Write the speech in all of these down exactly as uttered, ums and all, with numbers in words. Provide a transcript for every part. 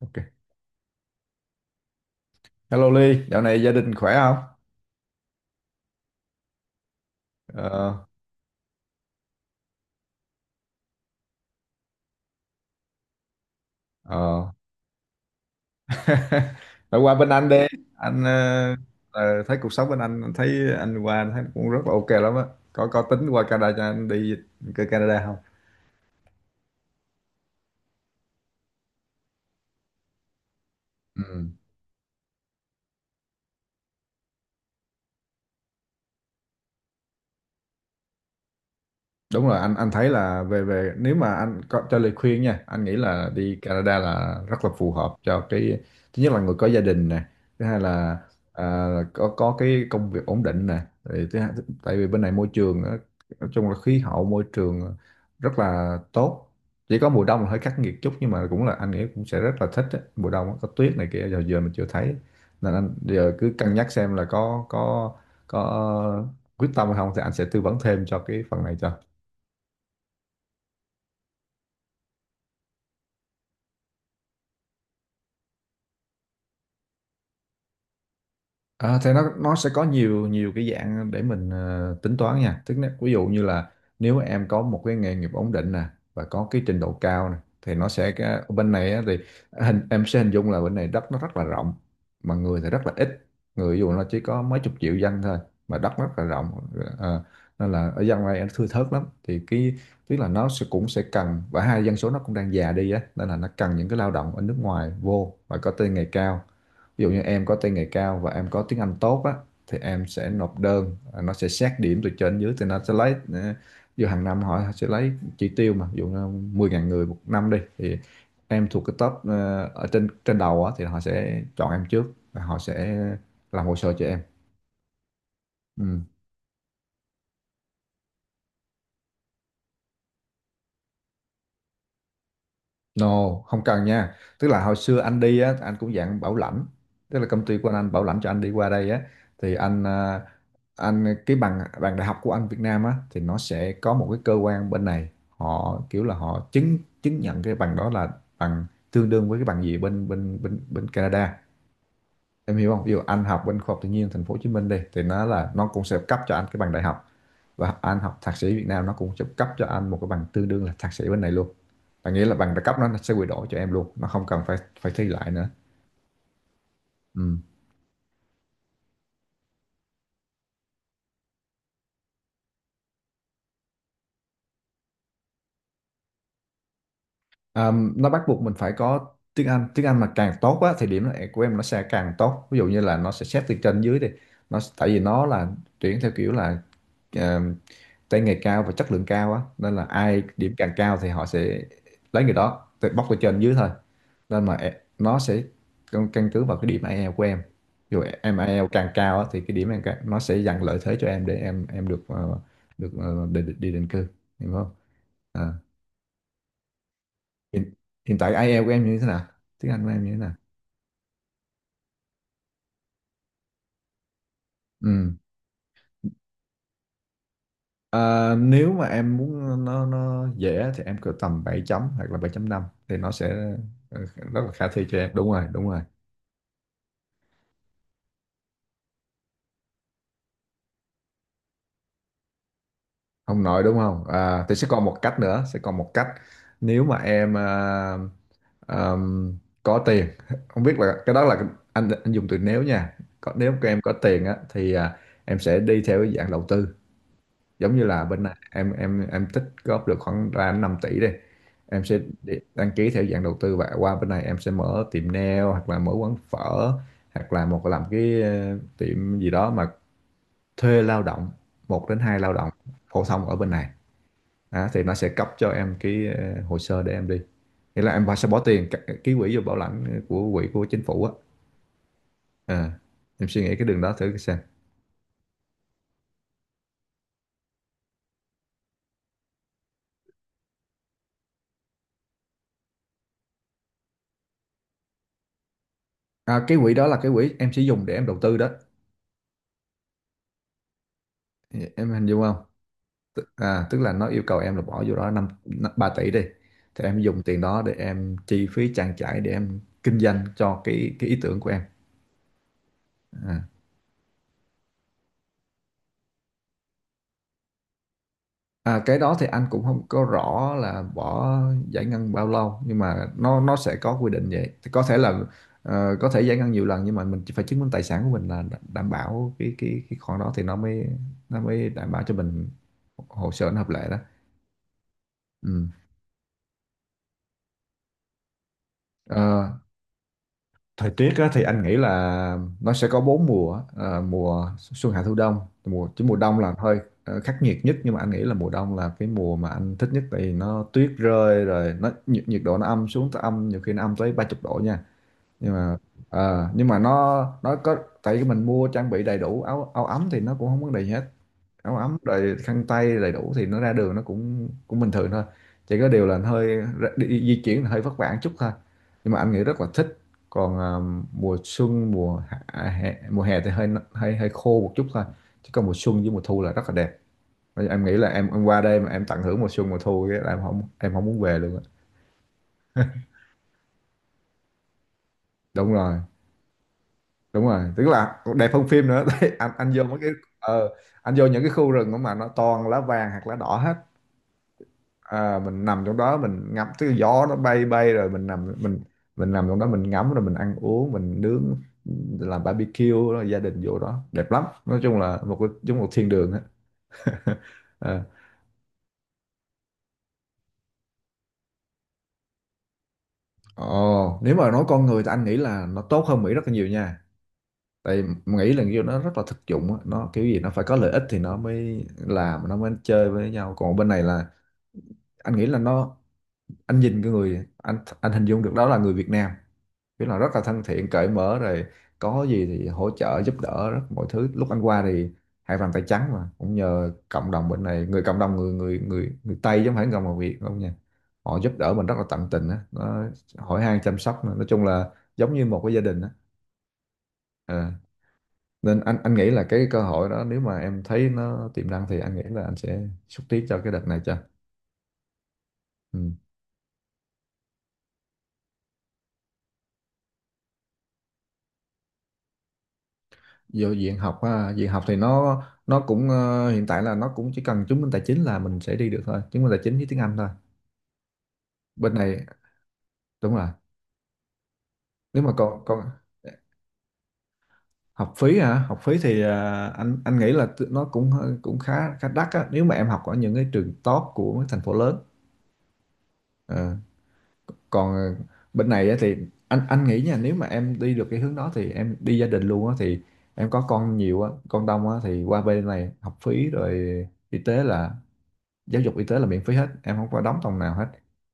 Ok. Hello Ly, dạo này gia đình khỏe không? Ờ, ờ. Phải qua bên anh đi. Anh ờ, ờ, thấy cuộc sống bên anh, anh thấy anh qua anh thấy cũng rất là ok lắm á. Có có tính qua Canada cho anh đi Ca- Canada không? Ừ, đúng rồi, anh anh thấy là về về nếu mà anh có cho lời khuyên nha, anh nghĩ là đi Canada là rất là phù hợp cho cái thứ nhất là người có gia đình nè, thứ hai là à, có có cái công việc ổn định nè. Rồi thứ hai, tại vì bên này môi trường á, nói chung là khí hậu môi trường rất là tốt, chỉ có mùa đông là hơi khắc nghiệt chút nhưng mà cũng là anh nghĩ cũng sẽ rất là thích á. Mùa đông á, có tuyết này kia giờ giờ mình chưa thấy, nên anh giờ cứ cân nhắc xem là có có có quyết tâm hay không thì anh sẽ tư vấn thêm cho cái phần này cho. À, thì nó nó sẽ có nhiều nhiều cái dạng để mình ờ, tính toán nha. Tức là ví dụ như là nếu em có một cái nghề nghiệp ổn định nè và có cái trình độ cao nè thì nó sẽ cái, ở bên này á, thì hình em sẽ hình dung là bên này đất nó rất là rộng mà người thì rất là ít. Người ví dụ nó chỉ có mấy chục triệu dân thôi mà đất rất là rộng. Ờ, Nên là ở dân này nó thưa thớt lắm. Thì cái tức là nó sẽ cũng sẽ cần, và hai dân số nó cũng đang già đi á nên là nó cần những cái lao động ở nước ngoài vô và có tay nghề cao. Ví dụ như em có tay nghề cao và em có tiếng Anh tốt á thì em sẽ nộp đơn, à, nó sẽ xét điểm từ trên dưới thì nó sẽ lấy ờ, ví dụ hàng năm họ sẽ lấy chỉ tiêu mà ví dụ như mười ngàn người một năm đi, thì em thuộc cái top ờ, ở trên trên đầu á thì họ sẽ chọn em trước và họ sẽ làm hồ sơ cho em. Ừ. No, không cần nha. Tức là hồi xưa anh đi á, anh cũng dạng bảo lãnh. Tức là công ty của anh, anh bảo lãnh cho anh đi qua đây á, thì anh à, anh cái bằng bằng đại học của anh Việt Nam á thì nó sẽ có một cái cơ quan bên này họ kiểu là họ chứng chứng nhận cái bằng đó là bằng tương đương với cái bằng gì bên bên bên bên Canada, em hiểu không? Ví dụ anh học bên khoa học tự nhiên thành phố Hồ Chí Minh đi thì nó là nó cũng sẽ cấp cho anh cái bằng đại học, và anh học thạc sĩ Việt Nam nó cũng sẽ cấp cho anh một cái bằng tương đương là thạc sĩ bên này luôn. Là nghĩa là bằng đại cấp nó sẽ quy đổi cho em luôn, nó không cần phải phải thi lại nữa. Ừ. À, nó bắt buộc mình phải có tiếng Anh, tiếng Anh mà càng tốt á thì điểm này của em nó sẽ càng tốt, ví dụ như là nó sẽ xét từ trên dưới đi, nó tại vì nó là tuyển theo kiểu là ờ, tay nghề cao và chất lượng cao á nên là ai điểm càng cao thì họ sẽ lấy người đó từ bóc từ trên dưới thôi, nên mà e- nó sẽ căn căn cứ vào cái điểm ai eo của em, dù em ai eo càng cao á thì cái điểm em càng, nó sẽ dành lợi thế cho em để em em được ờ, được ờ, đi, đi định cư, hiểu không. À hiện, hiện tại ai eo của em như thế nào, tiếng Anh của em như thế nào. Ừ. Ờ, nếu mà em muốn nó nó dễ thì em cỡ tầm bảy chấm hoặc là bảy chấm năm thì nó sẽ ờ, rất là khả thi cho em, đúng rồi đúng rồi. Không nói đúng không à, thì sẽ còn một cách nữa, sẽ còn một cách nếu mà em ờ, ờm, có tiền không biết là cái đó là anh anh dùng từ nếu nha, có, nếu các em có tiền á thì à, em sẽ đi theo cái dạng đầu tư, giống như là bên này em em em tích góp được khoảng ra năm tỷ đi, em sẽ đi- đăng ký theo dạng đầu tư và qua bên này em sẽ mở tiệm nail hoặc là mở quán phở, hoặc là một làm cái ờ, tiệm gì đó mà thuê lao động, một đến hai lao động phổ thông ở bên này. Đó, thì nó sẽ cấp cho em cái ờ, hồ sơ để em đi, nghĩa là em phải sẽ bỏ tiền c- ký quỹ vô bảo lãnh của quỹ của chính phủ á. Ờ, em suy nghĩ cái đường đó thử xem. À, cái quỹ đó là cái quỹ em sẽ dùng để em đầu tư đó, em hình dung không. Tức- à, tức là nó yêu cầu em là bỏ vô đó năm ba tỷ đi, thì em dùng tiền đó để em chi phí trang trải để em kinh doanh cho cái cái ý tưởng của em. À. À, cái đó thì anh cũng không có rõ là bỏ giải ngân bao lâu nhưng mà nó nó sẽ có quy định vậy thì có thể là ờ, có thể giải ngân nhiều lần, nhưng mà mình chỉ phải chứng minh tài sản của mình là đ- đảm bảo cái cái cái khoản đó thì nó mới nó mới đảm bảo cho mình hồ sơ nó hợp lệ đó. Ừ. Ờ, thời tiết á, thì anh nghĩ là nó sẽ có bốn mùa, à, mùa xuân hạ thu đông, mùa chứ mùa đông là hơi ờ, khắc nghiệt nhất, nhưng mà anh nghĩ là mùa đông là cái mùa mà anh thích nhất, tại vì nó tuyết rơi rồi nó nhiệt, nhiệt độ nó âm xuống tới âm, nhiều khi nó âm tới ba chục độ nha, nhưng mà ờ, nhưng mà nó nó có tại vì mình mua trang bị đầy đủ áo áo ấm thì nó cũng không vấn đề gì hết. Áo ấm rồi khăn tay đầy đủ thì nó ra đường nó cũng cũng bình thường thôi, chỉ có điều là nó hơi ra- đi, đi, di chuyển là hơi vất vả một chút thôi, nhưng mà anh nghĩ rất là thích. Còn à, mùa xuân mùa hạ, à, hè, mùa hè thì hơi hơi hơi khô một chút thôi, chứ còn mùa xuân với mùa thu là rất là đẹp. Bây giờ em nghĩ là em, em qua đây mà em tận hưởng mùa xuân mùa thu cái là em không em không muốn về luôn á. Đúng rồi đúng rồi, tức là đẹp hơn phim nữa. Tại anh anh vô mấy cái ờ, anh vô những cái khu rừng mà nó toàn lá vàng hoặc lá đỏ hết, à, mình nằm trong đó mình ngắm cái gió nó bay bay rồi mình nằm mình mình nằm trong đó mình ngắm rồi mình ăn uống mình nướng, làm barbecue rồi gia đình vô đó đẹp lắm, nói chung là một cái giống một thiên đường á. Ờ. Ồ, nếu mà nói con người thì anh nghĩ là nó tốt hơn Mỹ rất là nhiều nha. Tại Mỹ là kiểu nó rất là thực dụng á, nó kiểu gì nó phải có lợi ích thì nó mới làm, nó mới chơi với nhau. Còn bên này là anh nghĩ là nó, anh nhìn cái người anh anh hình dung được đó là người Việt Nam, biết là rất là thân thiện cởi mở rồi, có gì thì hỗ trợ giúp đỡ rất mọi thứ. Lúc anh qua thì hai bàn tay trắng mà cũng nhờ cộng đồng bên này, người cộng đồng người người người người Tây chứ không phải cộng đồng Việt không nha, họ giúp đỡ mình rất là tận tình á, nó hỏi han chăm sóc nữa. Nói chung là giống như một cái gia đình á. Ờ. Nên anh anh nghĩ là cái cơ hội đó nếu mà em thấy nó tiềm năng thì anh nghĩ là anh sẽ xúc tiến cho cái đợt này cho. Ừ. Vô diện học ha? Diện học thì nó nó cũng ờ, hiện tại là nó cũng chỉ cần chứng minh tài chính là mình sẽ đi được thôi, chứng minh tài chính với tiếng Anh thôi. Bên này đúng rồi. Nếu mà còn còn học phí hả? Học phí thì ờ, anh anh nghĩ là tự- nó cũng hơi- cũng khá khá đắt á, nếu mà em học ở những cái trường top của mấy thành phố lớn. Ờ, Còn ờ, bên này á thì anh anh nghĩ nha, nếu mà em đi được cái hướng đó thì em đi gia đình luôn á, thì em có con nhiều á, con đông á, thì qua bên này học phí rồi y tế là giáo dục, y tế là miễn phí hết, em không có đóng đồng nào hết.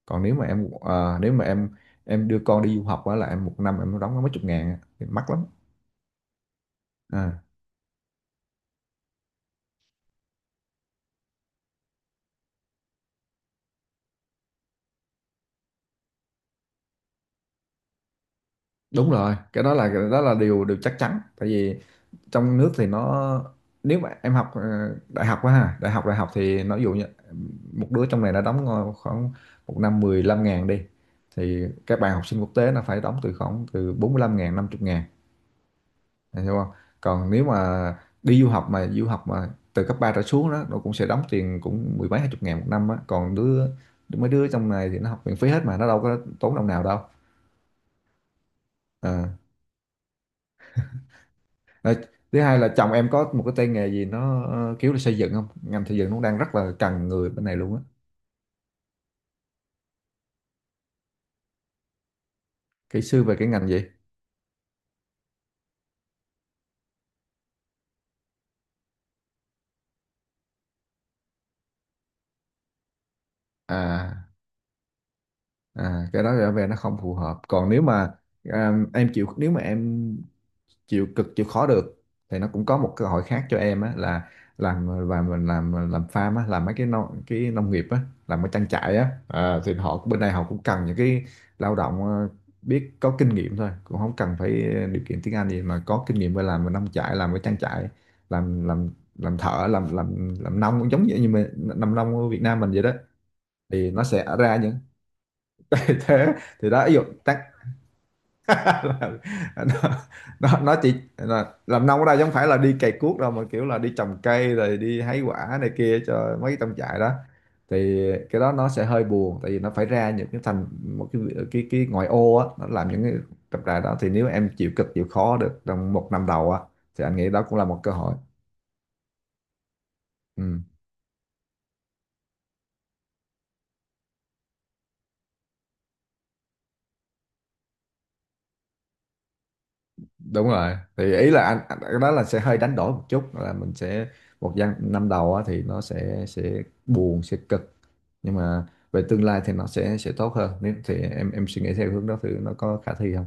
Còn nếu mà em ờ, nếu mà em em đưa con đi du học á là em một năm em đóng có mấy chục ngàn á, thì mắc lắm. à, đúng rồi, cái đó là cái đó là điều điều chắc chắn, tại vì trong nước thì nó, nếu mà em học ờ, đại học quá ha, đại học, đại học thì nó ví dụ như một đứa trong này đã đóng ờ, khoảng một năm mười lăm ngàn đi, thì các bạn học sinh quốc tế nó phải đóng từ khoảng từ bốn mươi lăm ngàn năm mươi ngàn. Em hiểu không? Còn nếu mà đi du học mà, du học mà từ cấp ba trở xuống đó nó cũng sẽ đóng tiền cũng mười mấy hai chục ngàn một năm á, còn đứa mấy đứa trong này thì nó học miễn phí hết, mà nó đâu có tốn đồng nào đâu. À. Rồi, thứ hai là chồng em có một cái tay nghề gì nó ờ, kiểu là xây dựng không? Ngành xây dựng nó đang rất là cần người bên này luôn á. Kỹ sư về cái ngành gì? À, à, cái đó trở về nó không phù hợp. Còn nếu mà à, em chịu, nếu mà em chịu cực chịu khó được thì nó cũng có một cơ hội khác cho em á, là làm và mình làm làm farm á, làm mấy cái nông cái nông nghiệp á, làm cái trang trại á. À, thì họ bên đây họ cũng cần những cái lao động ờ, biết có kinh nghiệm thôi, cũng không cần phải điều kiện tiếng Anh gì, mà có kinh nghiệm về làm về nông trại, làm cái trang trại, làm làm làm thợ, làm làm làm nông, cũng giống như như mình làm nông ở Việt Nam mình vậy đó, thì nó sẽ ra những thế, thì đó ví dụ Là, nó, nó, nó chỉ là, làm nông ở đây chứ không phải là đi cày cuốc đâu, mà kiểu là đi trồng cây rồi đi hái quả này kia cho mấy trong trại đó. Thì cái đó nó sẽ hơi buồn, tại vì nó phải ra những cái thành một cái cái cái ngoại ô á, nó làm những cái trồng trại đó. Thì nếu em chịu cực chịu khó được trong một năm đầu á, thì anh nghĩ đó cũng là một cơ hội. Ừ. Đúng rồi, thì ý là anh, anh cái đó là sẽ hơi đánh đổi một chút, là mình sẽ một gian- năm đầu á, thì nó sẽ sẽ buồn sẽ cực, nhưng mà về tương lai thì nó sẽ sẽ tốt hơn, nếu thì em em suy nghĩ theo hướng đó, thì nó có khả thi không?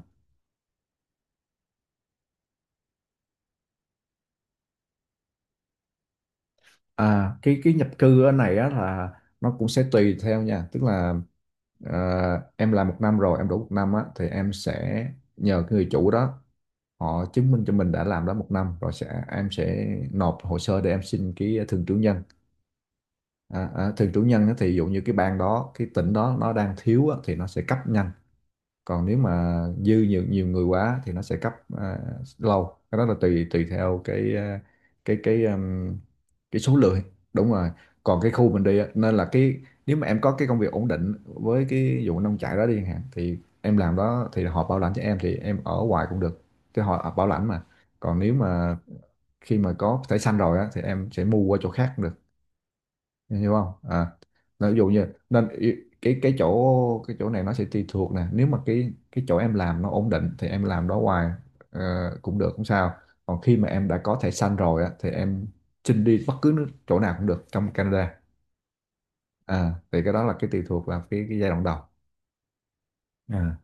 À, cái cái nhập cư ở này á là nó cũng sẽ tùy theo nha, tức là ờ, em làm một năm rồi em đủ một năm á, thì em sẽ nhờ cái người chủ đó họ chứng minh cho mình đã làm đó một năm rồi, sẽ em sẽ nộp hồ sơ để em xin cái thường trú nhân. À, à, thường chủ nhân á, thì ví dụ như cái bang đó, cái tỉnh đó nó đang thiếu á, thì nó sẽ cấp nhanh. Còn nếu mà dư nhiều nhiều người quá thì nó sẽ cấp à, lâu. Cái đó là tùy tùy theo cái à, cái cái um, cái số lượng. Đúng rồi, còn cái khu mình đi á, nên là cái, nếu mà em có cái công việc ổn định với cái vụ nông trại đó đi chẳng hạn, thì em làm đó, thì họ bảo lãnh cho em thì em ở hoài cũng được, chứ họ bảo lãnh mà. Còn nếu mà khi mà có thẻ xanh rồi á, thì em sẽ mua qua chỗ khác cũng được. Em hiểu không? À, là ví dụ như nên ý- cái cái chỗ cái chỗ này nó sẽ tùy thuộc nè, nếu mà cái cái chỗ em làm nó ổn định thì em làm đó hoài, ờ, cũng được không sao. Còn khi mà em đã có thẻ xanh rồi á, thì em xin đi bất cứ nước, chỗ nào cũng được trong Canada. À, thì cái đó là cái tùy thuộc vào cái, cái giai đoạn đầu. À.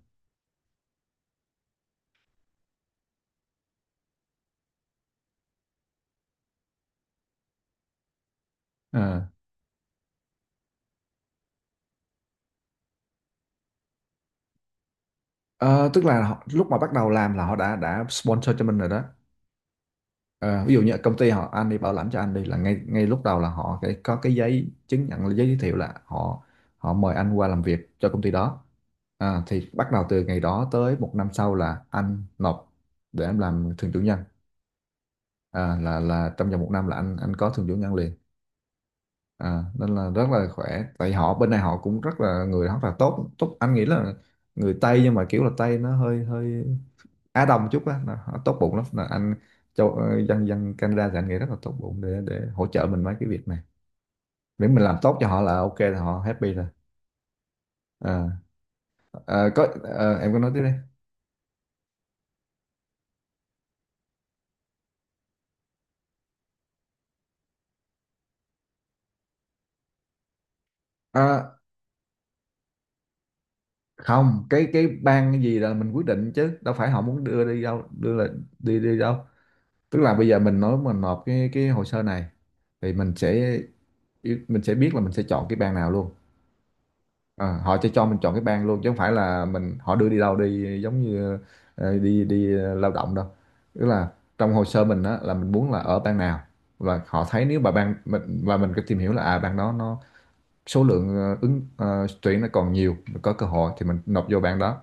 À. Ờ, tức là họ, lúc mà bắt đầu làm là họ đã đã sponsor cho mình rồi đó. Ờ, ví dụ như công ty họ anh đi bảo lãnh cho anh đi, là ngay ngay lúc đầu là họ phải có cái giấy chứng nhận, giấy giới thiệu, là họ họ mời anh qua làm việc cho công ty đó. À, thì bắt đầu từ ngày đó tới một năm sau là anh nộp để em làm thường chủ nhân. À, là là trong vòng một năm là anh anh có thường chủ nhân liền. À, nên là rất là khỏe, tại họ bên này họ cũng rất là người rất là tốt tốt, anh nghĩ là người Tây, nhưng mà kiểu là Tây nó hơi hơi Á Đông chút á, nó, nó tốt bụng lắm, là anh châu, ờ, dân dân Canada thì anh nghĩ rất là tốt bụng để để hỗ trợ mình mấy cái việc này, miễn mình làm tốt cho họ là ok, là họ happy rồi. Ờ, ờ, có ờ, em có nói tiếp đi. Ờ, không, cái cái ban gì là mình quyết định, chứ đâu phải họ muốn đưa đi đâu đưa, là đi đi đâu. Tức là bây giờ mình nói mình nộp cái cái hồ sơ này, thì mình sẽ mình sẽ biết là mình sẽ chọn cái ban nào luôn. Ờ, họ sẽ cho mình chọn cái bang luôn, chứ không phải là mình họ đưa đi đâu đi, giống như ờ, đi đi ờ, lao động đâu. Tức là trong hồ sơ mình á là mình muốn là ở bang nào, và họ thấy nếu mà bang mình, và mình có tìm hiểu là à, bang đó nó số lượng ờ, ứng ờ, tuyển nó còn nhiều, mình có cơ hội thì mình nộp vô bang đó.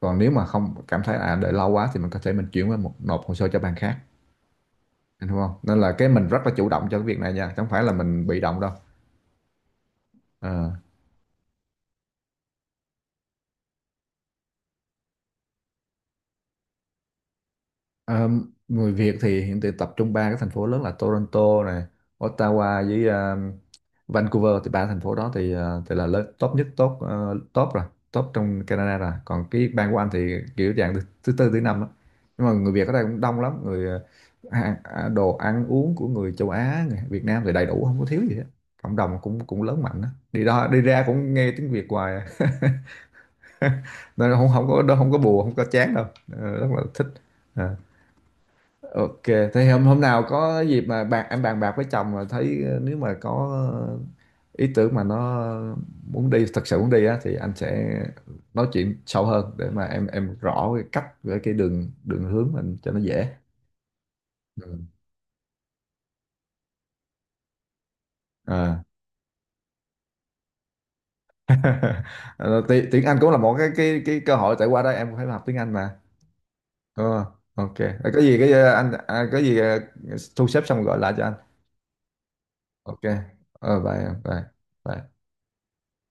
Còn nếu mà không, cảm thấy à đợi lâu quá, thì mình có thể mình chuyển qua một nộp hồ sơ cho bang khác. Anh hiểu không? Nên là cái mình rất là chủ động cho cái việc này nha, chứ không phải là mình bị động đâu. Ờ. Ờ, người Việt thì hiện tại tập trung ba cái thành phố lớn là Toronto này, Ottawa với ờ, Vancouver. Thì ba thành phố đó thì ờ, thì là lớn top nhất, top ờ, top rồi, top trong Canada rồi. Còn cái bang của Anh thì kiểu dạng thứ, thứ tư thứ năm á, nhưng mà người Việt ở đây cũng đông lắm, người ờ, hàng- à, đồ ăn uống của người châu Á, người Việt Nam thì đầy đủ, không có thiếu gì hết, cộng đồng cũng cũng lớn mạnh á, đi đó đi ra cũng nghe tiếng Việt hoài à. Nên không, không có không có buồn, không có chán đâu. Ờ, rất là thích. Ờ. Ok, thế hôm hôm nào có dịp mà bạn em bàn bạc với chồng mà thấy ờ, nếu mà có ờ, ý tưởng mà nó muốn đi, thật sự muốn đi á, thì anh sẽ nói chuyện sâu hơn để mà em em rõ cái cách với cái đường đường hướng mình cho nó dễ. Ừ. À. Ờ, ti- tiếng Anh cũng là một cái cái cái cơ hội, tại qua đó em cũng phải học tiếng Anh mà. Ờ, ok. Ờ, có gì cái ờ, anh à, có gì ờ, thu xếp xong gọi lại cho anh. Ok. Ờ bye em, bye. Bye.